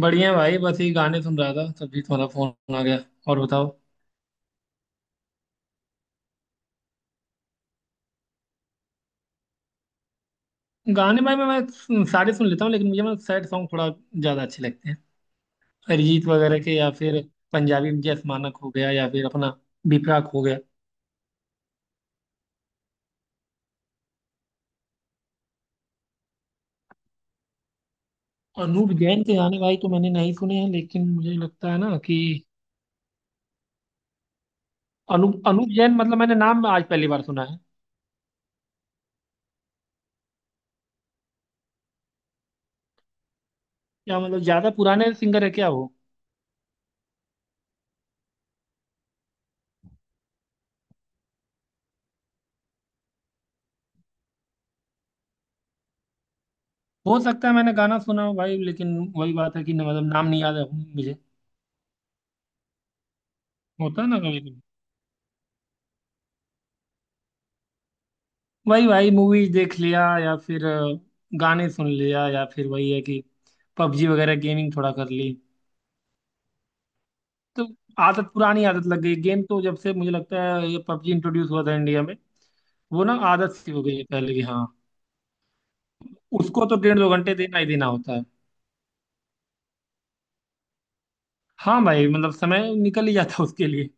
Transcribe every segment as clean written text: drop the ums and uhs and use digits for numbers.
बढ़िया भाई, बस ये गाने सुन रहा था तभी तुम्हारा फोन आ गया। और बताओ। गाने भाई, मैं सारे सुन लेता हूँ लेकिन मुझे, मैं सैड सॉन्ग थोड़ा ज्यादा अच्छे लगते हैं। अरिजीत वगैरह के या फिर पंजाबी में जस मानक हो गया या फिर अपना बिपराक हो गया। अनूप जैन के गाने भाई तो मैंने नहीं सुने हैं लेकिन मुझे लगता है ना कि अनूप अनूप जैन, मतलब मैंने नाम आज पहली बार सुना है। क्या मतलब ज्यादा पुराने सिंगर है क्या वो? हो सकता है मैंने गाना सुना हो भाई, लेकिन वही बात है कि ना, मतलब नाम नहीं याद है मुझे। होता है ना कभी। वही भाई, मूवीज देख लिया या फिर गाने सुन लिया या फिर वही है कि पबजी वगैरह गेमिंग थोड़ा कर ली। तो आदत, पुरानी आदत लग गई गेम तो, जब से मुझे लगता है ये पबजी इंट्रोड्यूस हुआ था इंडिया में। वो ना आदत सी हो गई है पहले की। हाँ, उसको तो डेढ़ दो घंटे देना ही देना होता है। हाँ भाई, मतलब समय निकल ही जाता है उसके लिए।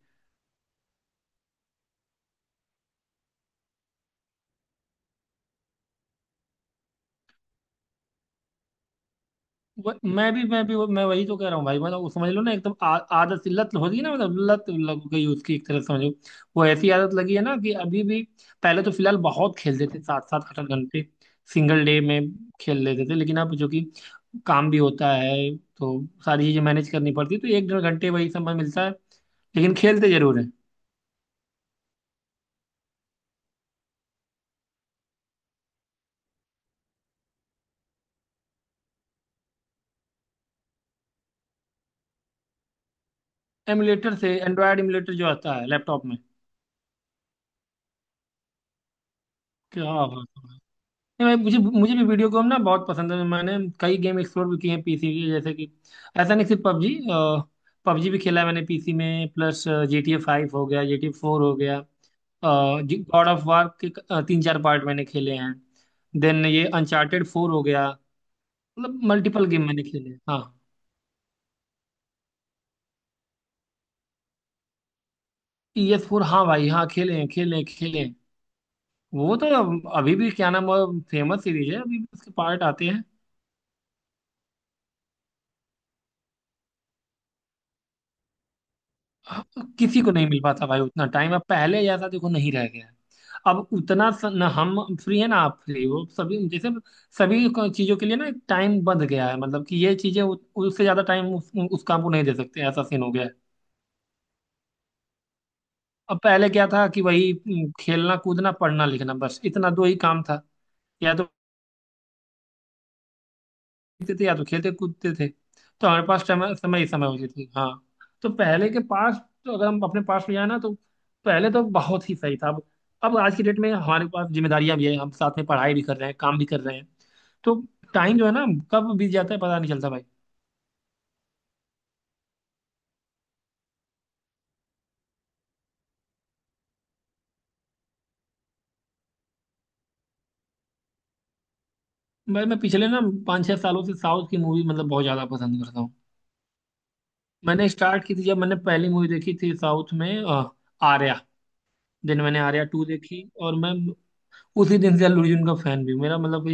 मैं भी, मैं भी, मैं वही तो कह रहा हूँ भाई, मतलब वो समझ लो ना, एकदम आदत सी, लत होती है ना, मतलब लत लग गई उसकी, एक तरह से समझो। वो ऐसी आदत लगी है ना कि अभी भी पहले तो फिलहाल बहुत खेलते थे, 7 7 8 8 घंटे सिंगल डे में खेल लेते थे, लेकिन अब जो कि काम भी होता है तो सारी चीजें मैनेज करनी पड़ती है, तो एक डेढ़ घंटे वही समय मिलता है, लेकिन खेलते जरूर है। एमुलेटर से, एंड्रॉयड एमुलेटर जो आता है लैपटॉप में? क्या बात है। नहीं मैं, मुझे मुझे भी वीडियो गेम ना बहुत पसंद है। मैंने कई गेम एक्सप्लोर भी किए हैं पीसी के, जैसे कि ऐसा नहीं सिर्फ पबजी, पबजी भी खेला है मैंने पीसी में। प्लस GTA 5 हो गया, GTA 4 हो गया, गॉड ऑफ वार के तीन चार पार्ट मैंने खेले हैं, देन ये अनचार्टेड 4 हो गया। मतलब मल्टीपल गेम मैंने खेले हैं, हाँ। ई एस फोर, हाँ भाई हाँ, खेले हैं खेले हैं खेले हैं। वो तो अभी भी, क्या नाम, फेमस सीरीज है, अभी भी उसके पार्ट आते हैं। अब किसी को नहीं मिल पाता भाई उतना टाइम, अब पहले जैसा देखो नहीं रह गया है। अब उतना ना हम फ्री है ना आप फ्री हो, सभी जैसे चीजों के लिए ना एक टाइम बंध गया है, मतलब कि ये चीजें उससे ज्यादा टाइम उस काम को नहीं दे सकते, ऐसा सीन हो गया है। अब पहले क्या था कि वही खेलना कूदना पढ़ना लिखना, बस इतना दो ही काम था। या तो देखते थे या तो खेलते कूदते थे, तो हमारे पास समय समय ही समय होती थी। हाँ, तो पहले के पास, तो अगर हम अपने पास ले जाए ना, तो पहले तो बहुत ही सही था। अब आज की डेट में हमारे पास जिम्मेदारियां भी है, हम साथ में पढ़ाई भी कर रहे हैं, काम भी कर रहे हैं, तो टाइम जो है ना, कब बीत जाता है पता नहीं चलता भाई। मैं पिछले ना 5 6 सालों से साउथ की मूवी मतलब बहुत ज्यादा पसंद करता हूँ। मैंने स्टार्ट की थी जब मैंने पहली मूवी देखी थी साउथ में आर्या, दिन मैंने आर्या 2 देखी और मैं उसी दिन से अल्लू अर्जुन का फैन भी हूँ। मेरा मतलब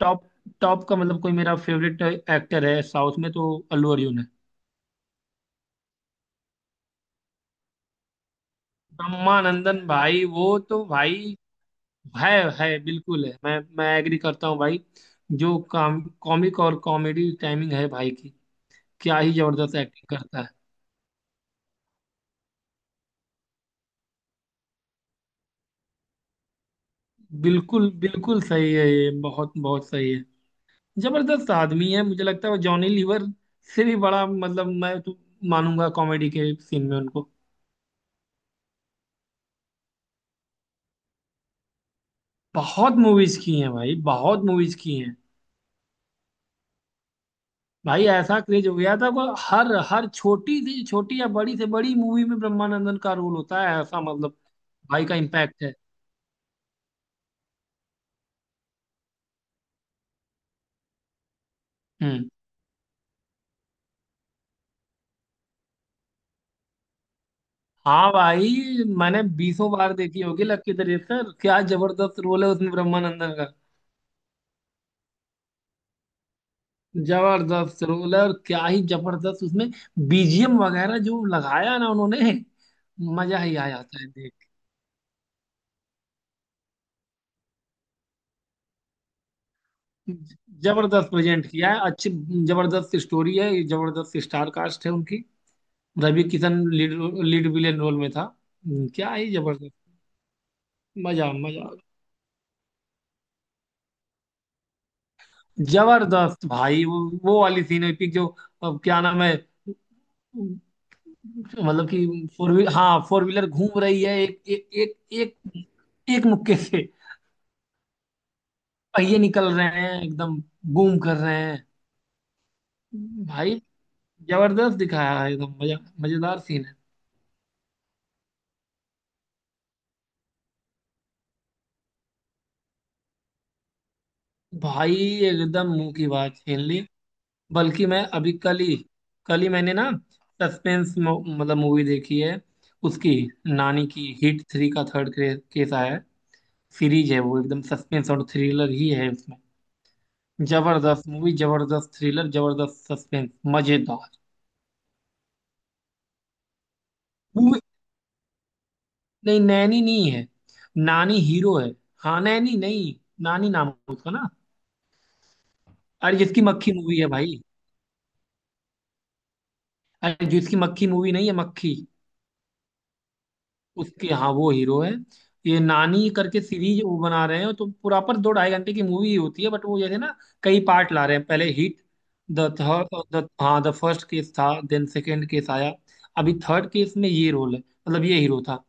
टॉप, टॉप का मतलब कोई मेरा फेवरेट एक्टर है साउथ में, तो अल्लू अर्जुन है। ब्रह्मानंदन भाई वो तो भाई है है बिल्कुल है, मैं एग्री करता हूँ भाई। जो काम कॉमिक और कॉमेडी टाइमिंग है भाई की, क्या ही जबरदस्त एक्टिंग करता है। बिल्कुल बिल्कुल सही है, ये बहुत बहुत सही है। जबरदस्त आदमी है, मुझे लगता है वो जॉनी लीवर से भी बड़ा, मतलब मैं तो मानूंगा कॉमेडी के सीन में उनको। बहुत मूवीज की हैं भाई, बहुत मूवीज की हैं। भाई ऐसा क्रेज हो गया था को हर हर छोटी से छोटी या बड़ी से बड़ी मूवी में ब्रह्मानंदन का रोल होता है, ऐसा मतलब भाई का इम्पैक्ट है। हम्म। हाँ भाई, मैंने बीसों बार देखी होगी लक्की दरिश्तर, क्या जबरदस्त रोल है उसमें ब्रह्मानंदन का। जबरदस्त रोल है, और क्या ही जबरदस्त उसमें बीजीएम वगैरह जो लगाया ना उन्होंने, मजा ही आ जाता है देख के। जबरदस्त प्रेजेंट किया है, अच्छी जबरदस्त स्टोरी है, जबरदस्त स्टार कास्ट है उनकी। Ravi Kishan lead lead villain role में था। क्या ही जबरदस्त, मजा मजा, जबरदस्त भाई वो वाली सीन एपिक जो, अब क्या नाम है, मतलब कि 4 व्हीलर, हाँ 4 व्हीलर घूम रही है, एक एक एक एक, एक मुक्के से पहिए निकल रहे हैं एकदम, बूम कर रहे हैं भाई। जबरदस्त दिखाया है एकदम, मजा, मजेदार सीन है। भाई एकदम मुंह की बात छीन ली। बल्कि मैं अभी कल ही, कल ही मैंने ना सस्पेंस मतलब मूवी देखी है उसकी। नानी की हिट 3 का थर्ड केस आया है, सीरीज है वो, एकदम सस्पेंस और थ्रिलर ही है उसमें। जबरदस्त मूवी, जबरदस्त थ्रिलर, जबरदस्त सस्पेंस, मजेदार मूवी। नहीं नैनी नहीं है, नानी हीरो है। हाँ नैनी नहीं, नानी नाम है उसका ना। अरे जिसकी मक्खी मूवी है भाई, अरे जिसकी मक्खी मूवी, नहीं है मक्खी, उसकी, हाँ, वो हीरो है। ये नानी करके सीरीज वो बना रहे हैं, तो पूरा पर दो ढाई घंटे की मूवी ही होती है, बट वो जैसे ना कई पार्ट ला रहे हैं। पहले हिट द थर्ड, द, हाँ द फर्स्ट केस था, देन सेकेंड केस आया, अभी थर्ड केस में ये रोल है, मतलब ये हीरो था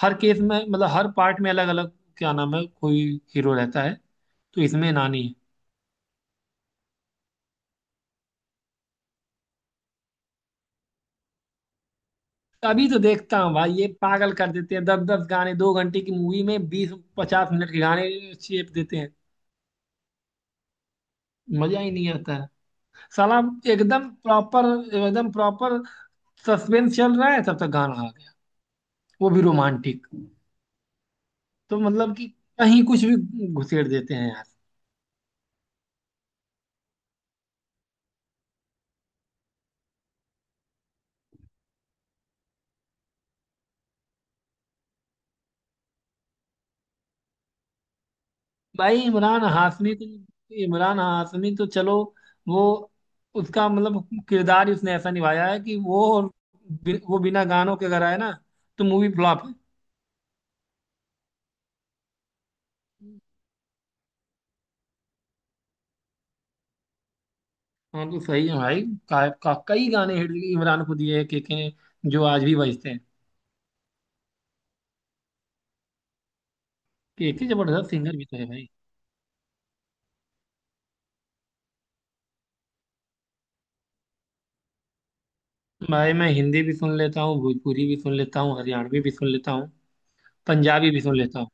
हर केस में, मतलब हर पार्ट में अलग अलग, क्या नाम है कोई, हीरो रहता है, तो इसमें नानी है। अभी तो देखता हूँ भाई, ये पागल कर देते हैं, 10 10 गाने 2 घंटे की मूवी में, बीस पचास मिनट के गाने चेप देते हैं, मजा ही नहीं आता है। साला एकदम प्रॉपर, एकदम प्रॉपर सस्पेंस चल रहा है, तब तक गाना आ गया, वो भी रोमांटिक। तो मतलब कि कहीं कुछ भी घुसेड़ देते हैं यार। भाई इमरान हाशमी तो चलो वो, उसका मतलब किरदार ही उसने ऐसा निभाया है कि वो वो बिना गानों के अगर आए ना तो मूवी फ्लॉप है। हाँ तो सही है भाई। कई गाने हिट इमरान को दिए के, जो आज भी बजते हैं। के जबरदस्त सिंगर भी तो है भाई। भाई मैं हिंदी भी सुन लेता हूँ, भोजपुरी भी सुन लेता हूँ, हरियाणवी भी सुन लेता हूँ, पंजाबी भी सुन लेता हूँ।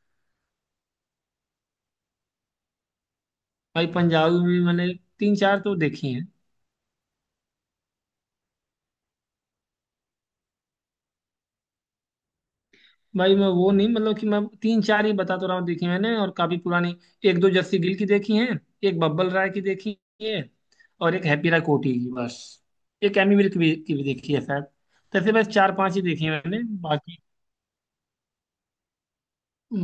भाई पंजाबी भी मैंने तीन चार तो देखी हैं। भाई मैं वो नहीं, मतलब कि मैं तीन चार ही बता तो रहा हूँ देखी मैंने, और काफी पुरानी। एक दो जस्सी गिल की देखी हैं, एक बब्बल राय की देखी है, और एक हैप्पी राय कोटी की, बस। एक एमी विर्क भी की भी देखी है शायद। तैसे बस चार पांच ही देखी है मैंने बाकी।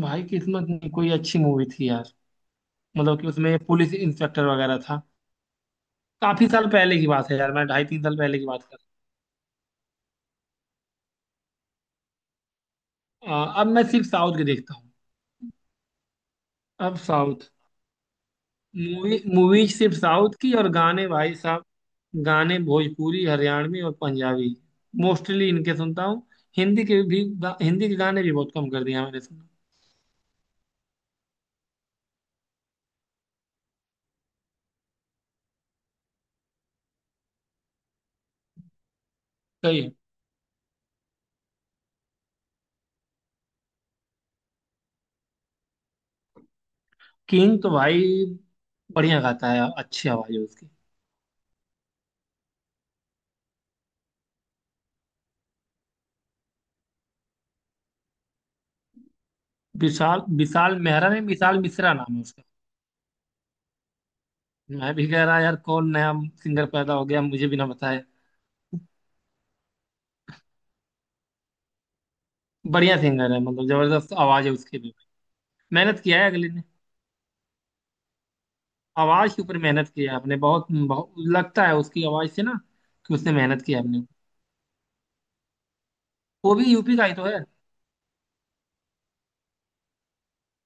भाई किस्मत नहीं, कोई अच्छी मूवी थी यार। मतलब कि उसमें पुलिस इंस्पेक्टर वगैरह था, काफी साल पहले की बात है यार, मैं 2.5 3 साल पहले की बात कर रहा हूँ। अब मैं सिर्फ साउथ की देखता हूँ। अब साउथ मूवी, मूवीज सिर्फ साउथ की, और गाने भाई साहब, गाने भोजपुरी हरियाणवी और पंजाबी मोस्टली इनके सुनता हूँ। हिंदी के भी हिंदी के गाने भी बहुत कम कर दिया मैंने सुना। सही है। किंग तो भाई बढ़िया गाता है यार, अच्छी आवाज है उसकी। विशाल विशाल मेहरा नहीं, विशाल मिश्रा नाम है उसका। मैं भी कह रहा यार, कौन नया सिंगर पैदा हो गया मुझे भी ना बताए। बढ़िया सिंगर है, मतलब जबरदस्त आवाज है उसकी भी। मेहनत किया है अगले ने, आवाज के ऊपर मेहनत किया है आपने, बहुत बहुत लगता है उसकी आवाज से ना कि उसने मेहनत किया है अपने ऊपर। वो भी यूपी का ही तो है।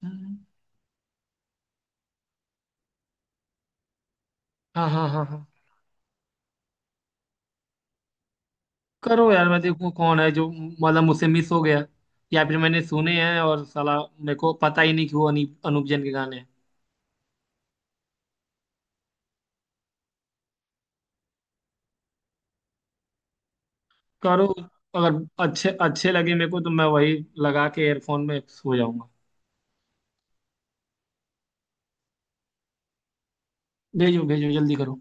हम्म, हाँ हाँ हाँ हाँ। करो यार, मैं देखूँ कौन है जो मतलब मुझसे मिस हो गया, या फिर मैंने सुने हैं और साला मेरे को पता ही नहीं कि वो अनूप जैन के गाने हैं। करो, अगर अच्छे अच्छे लगे मेरे को तो मैं वही लगा के एयरफोन में सो जाऊंगा। भेजो भेजो जल्दी करो।